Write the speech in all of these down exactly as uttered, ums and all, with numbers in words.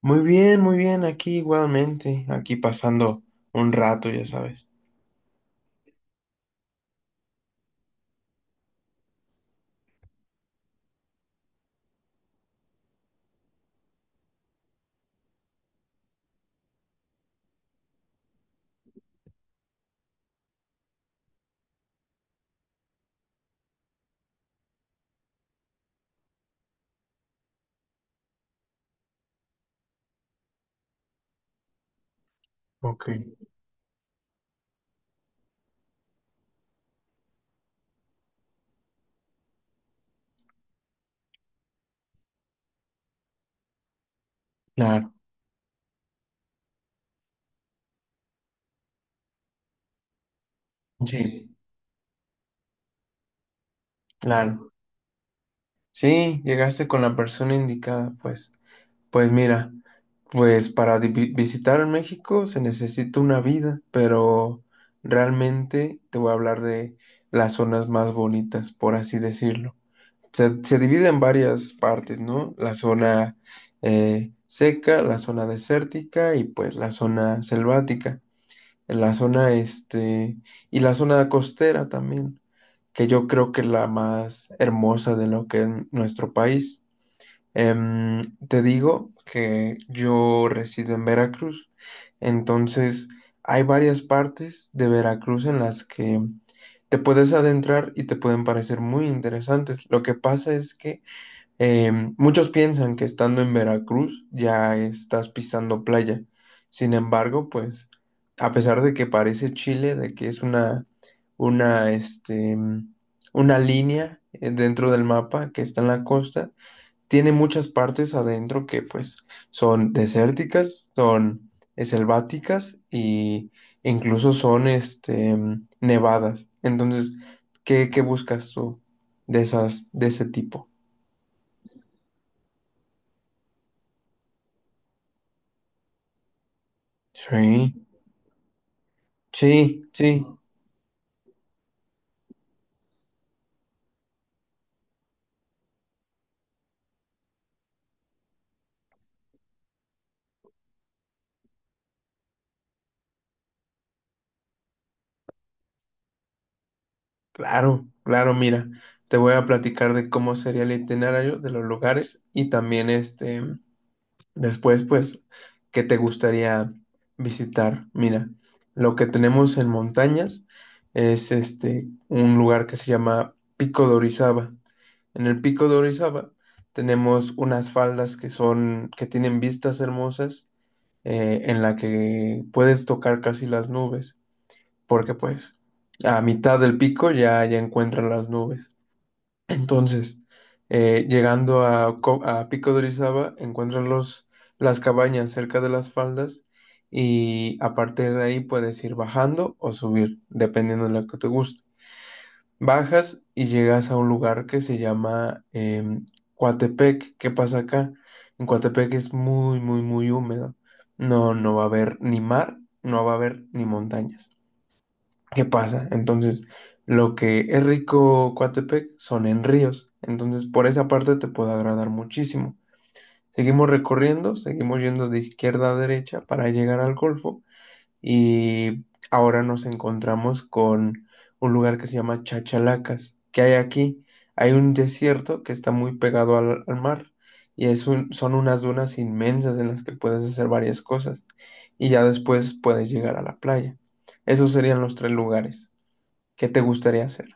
Muy bien, muy bien, aquí igualmente, aquí pasando un rato, ya sabes. Ok. Claro, sí, claro. Sí, llegaste con la persona indicada, pues. Pues mira, pues para di- visitar México se necesita una vida, pero realmente te voy a hablar de las zonas más bonitas, por así decirlo. Se, se divide en varias partes, ¿no? La zona eh, seca, la zona desértica y pues la zona selvática. En la zona este y la zona costera también, que yo creo que es la más hermosa de lo que es nuestro país. Em, te digo que yo resido en Veracruz, entonces hay varias partes de Veracruz en las que te puedes adentrar y te pueden parecer muy interesantes. Lo que pasa es que Em, muchos piensan que estando en Veracruz ya estás pisando playa. Sin embargo, pues, a pesar de que parece Chile, de que es una, una, este, mm, una línea eh, dentro del mapa que está en la costa, tiene muchas partes adentro que pues son desérticas, son eh, selváticas y e incluso son este, mm, nevadas. Entonces, ¿qué, qué buscas tú de esas, de ese tipo? Sí. Sí, sí, claro, claro, mira, te voy a platicar de cómo sería el itinerario de los lugares y también este, después, pues, qué te gustaría visitar. Mira, lo que tenemos en montañas es este, un lugar que se llama Pico de Orizaba. En el Pico de Orizaba tenemos unas faldas que son, que tienen vistas hermosas, eh, en la que puedes tocar casi las nubes. Porque pues a mitad del pico ya, ya encuentran las nubes. Entonces, eh, llegando a, Co- a Pico de Orizaba, encuentran los, las cabañas cerca de las faldas y a partir de ahí puedes ir bajando o subir, dependiendo de lo que te guste. Bajas y llegas a un lugar que se llama em, Coatepec. ¿Qué pasa acá? En Coatepec es muy, muy, muy húmedo. No, no va a haber ni mar, no va a haber ni montañas. ¿Qué pasa? Entonces, lo que es rico Coatepec son en ríos. Entonces, por esa parte te puede agradar muchísimo. Seguimos recorriendo, seguimos yendo de izquierda a derecha para llegar al Golfo. Y ahora nos encontramos con un lugar que se llama Chachalacas. ¿Qué hay aquí? Hay un desierto que está muy pegado al, al mar. Y es un- son unas dunas inmensas en las que puedes hacer varias cosas. Y ya después puedes llegar a la playa. Esos serían los tres lugares. ¿Qué te gustaría hacer?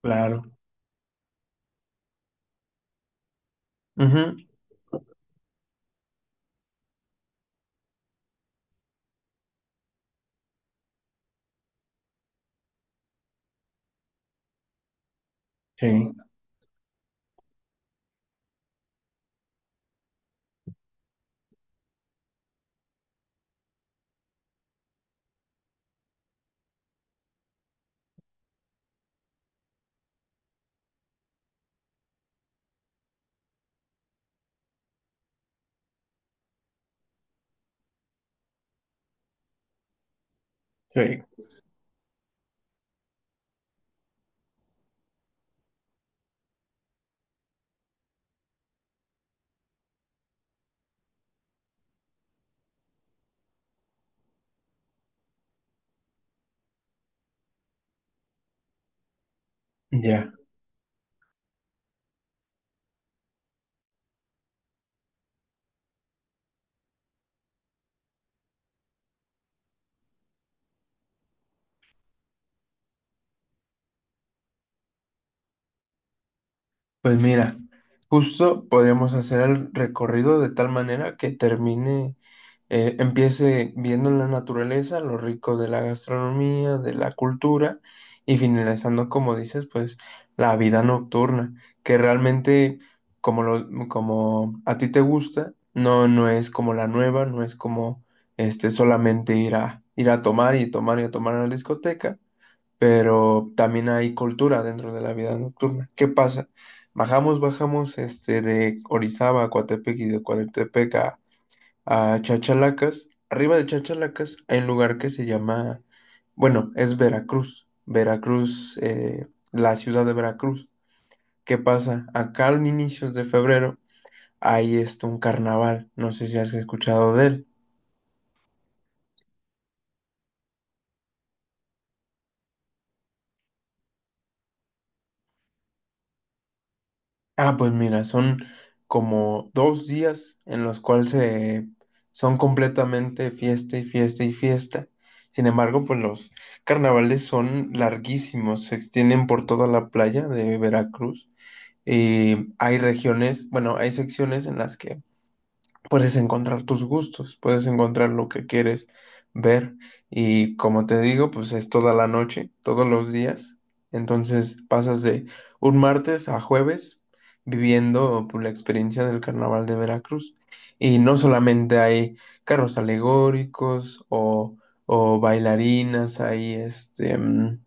Claro. Ujú. Sí, sí. Ya. Pues mira, justo podríamos hacer el recorrido de tal manera que termine, eh, empiece viendo la naturaleza, lo rico de la gastronomía, de la cultura y finalizando, como dices, pues la vida nocturna, que realmente como lo, como a ti te gusta, no, no es como la nueva, no es como este solamente ir a ir a tomar y tomar y a tomar a la discoteca, pero también hay cultura dentro de la vida nocturna. ¿Qué pasa? Bajamos, bajamos este, de Orizaba a Coatepec y de Coatepec a, a Chachalacas. Arriba de Chachalacas hay un lugar que se llama, bueno, es Veracruz, Veracruz, eh, la ciudad de Veracruz. ¿Qué pasa? Acá en inicios de febrero hay este, un carnaval, no sé si has escuchado de él. Ah, pues mira, son como dos días en los cuales se- son completamente fiesta y fiesta y fiesta. Sin embargo, pues los carnavales son larguísimos, se extienden por toda la playa de Veracruz. Y hay regiones, bueno, hay secciones en las que puedes encontrar tus gustos, puedes encontrar lo que quieres ver y como te digo, pues es toda la noche, todos los días. Entonces pasas de un martes a jueves viviendo pues, la experiencia del carnaval de Veracruz. Y no solamente hay carros alegóricos o, o bailarinas, hay este... mm,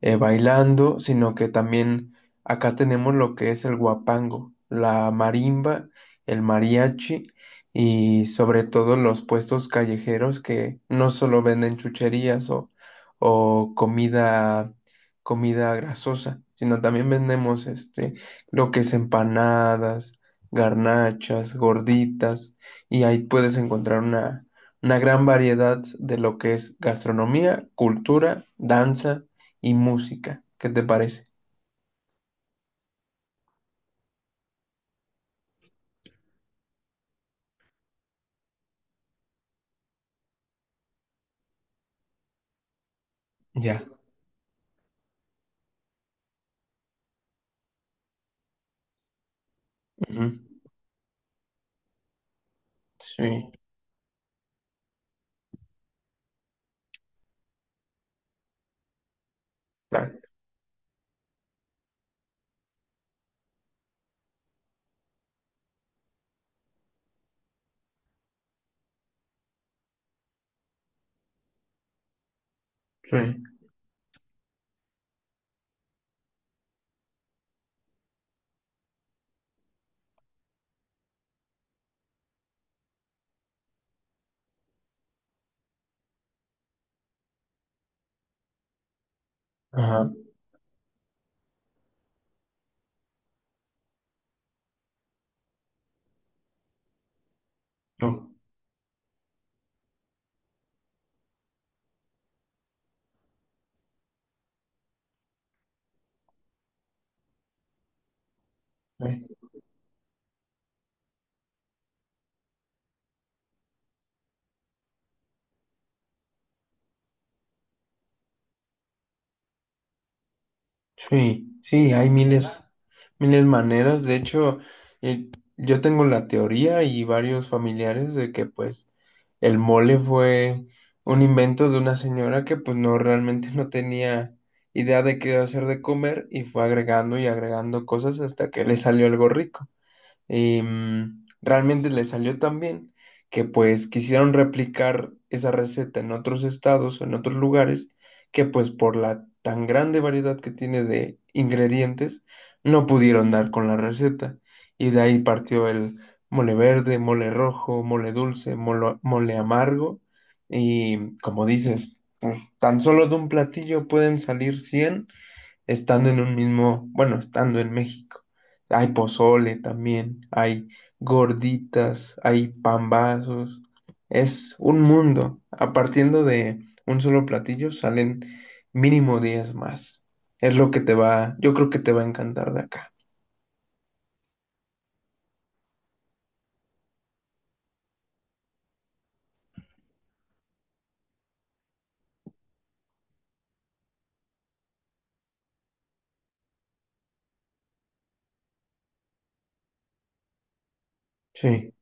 eh, bailando, sino que también acá tenemos lo que es el guapango, la marimba, el mariachi y sobre todo los puestos callejeros que no solo venden chucherías o, o comida, comida grasosa, sino también vendemos este, lo que es empanadas, garnachas, gorditas y ahí puedes encontrar una una gran variedad de lo que es gastronomía, cultura, danza y música. ¿Qué te parece? Ya. Ujú. Sí. Claro. Sí. Ajá. No. eh, Sí, sí, hay miles, miles maneras. De hecho, eh, yo tengo la teoría y varios familiares de que pues el mole fue un invento de una señora que pues no realmente no tenía idea de qué hacer de comer y fue agregando y agregando cosas hasta que le salió algo rico. em, realmente le salió tan bien que pues quisieron replicar esa receta en otros estados o en otros lugares que pues por la tan grande variedad que tiene de ingredientes no pudieron dar con la receta y de ahí partió el mole verde, mole rojo, mole dulce, molo- mole amargo y como dices, pues, tan solo de un platillo pueden salir cien estando en un mismo, bueno, estando en México. Hay pozole también, hay gorditas, hay pambazos. Es un mundo. A partiendo de un solo platillo salen mínimo diez más. Es lo que te va, yo creo que te va a encantar de acá. Sí.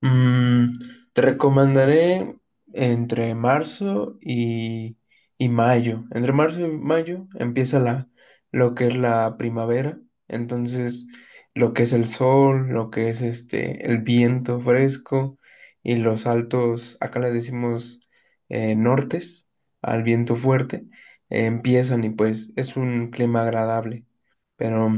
Mm, te recomendaré entre marzo y, y mayo. Entre marzo y mayo empieza la, lo que es la primavera. Entonces, lo que es el sol, lo que es este, el viento fresco y los altos, acá le decimos eh, nortes, al viento fuerte, eh, empiezan y pues es un clima agradable. Pero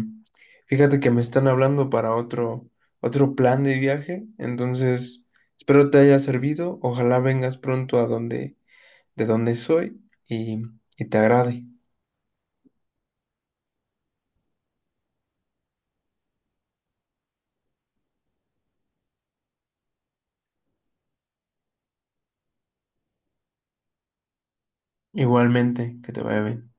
fíjate que me están hablando para otro otro plan de viaje. Entonces, espero te haya servido. Ojalá vengas pronto a donde, de donde soy y, y te agrade. Igualmente, que te vaya bien.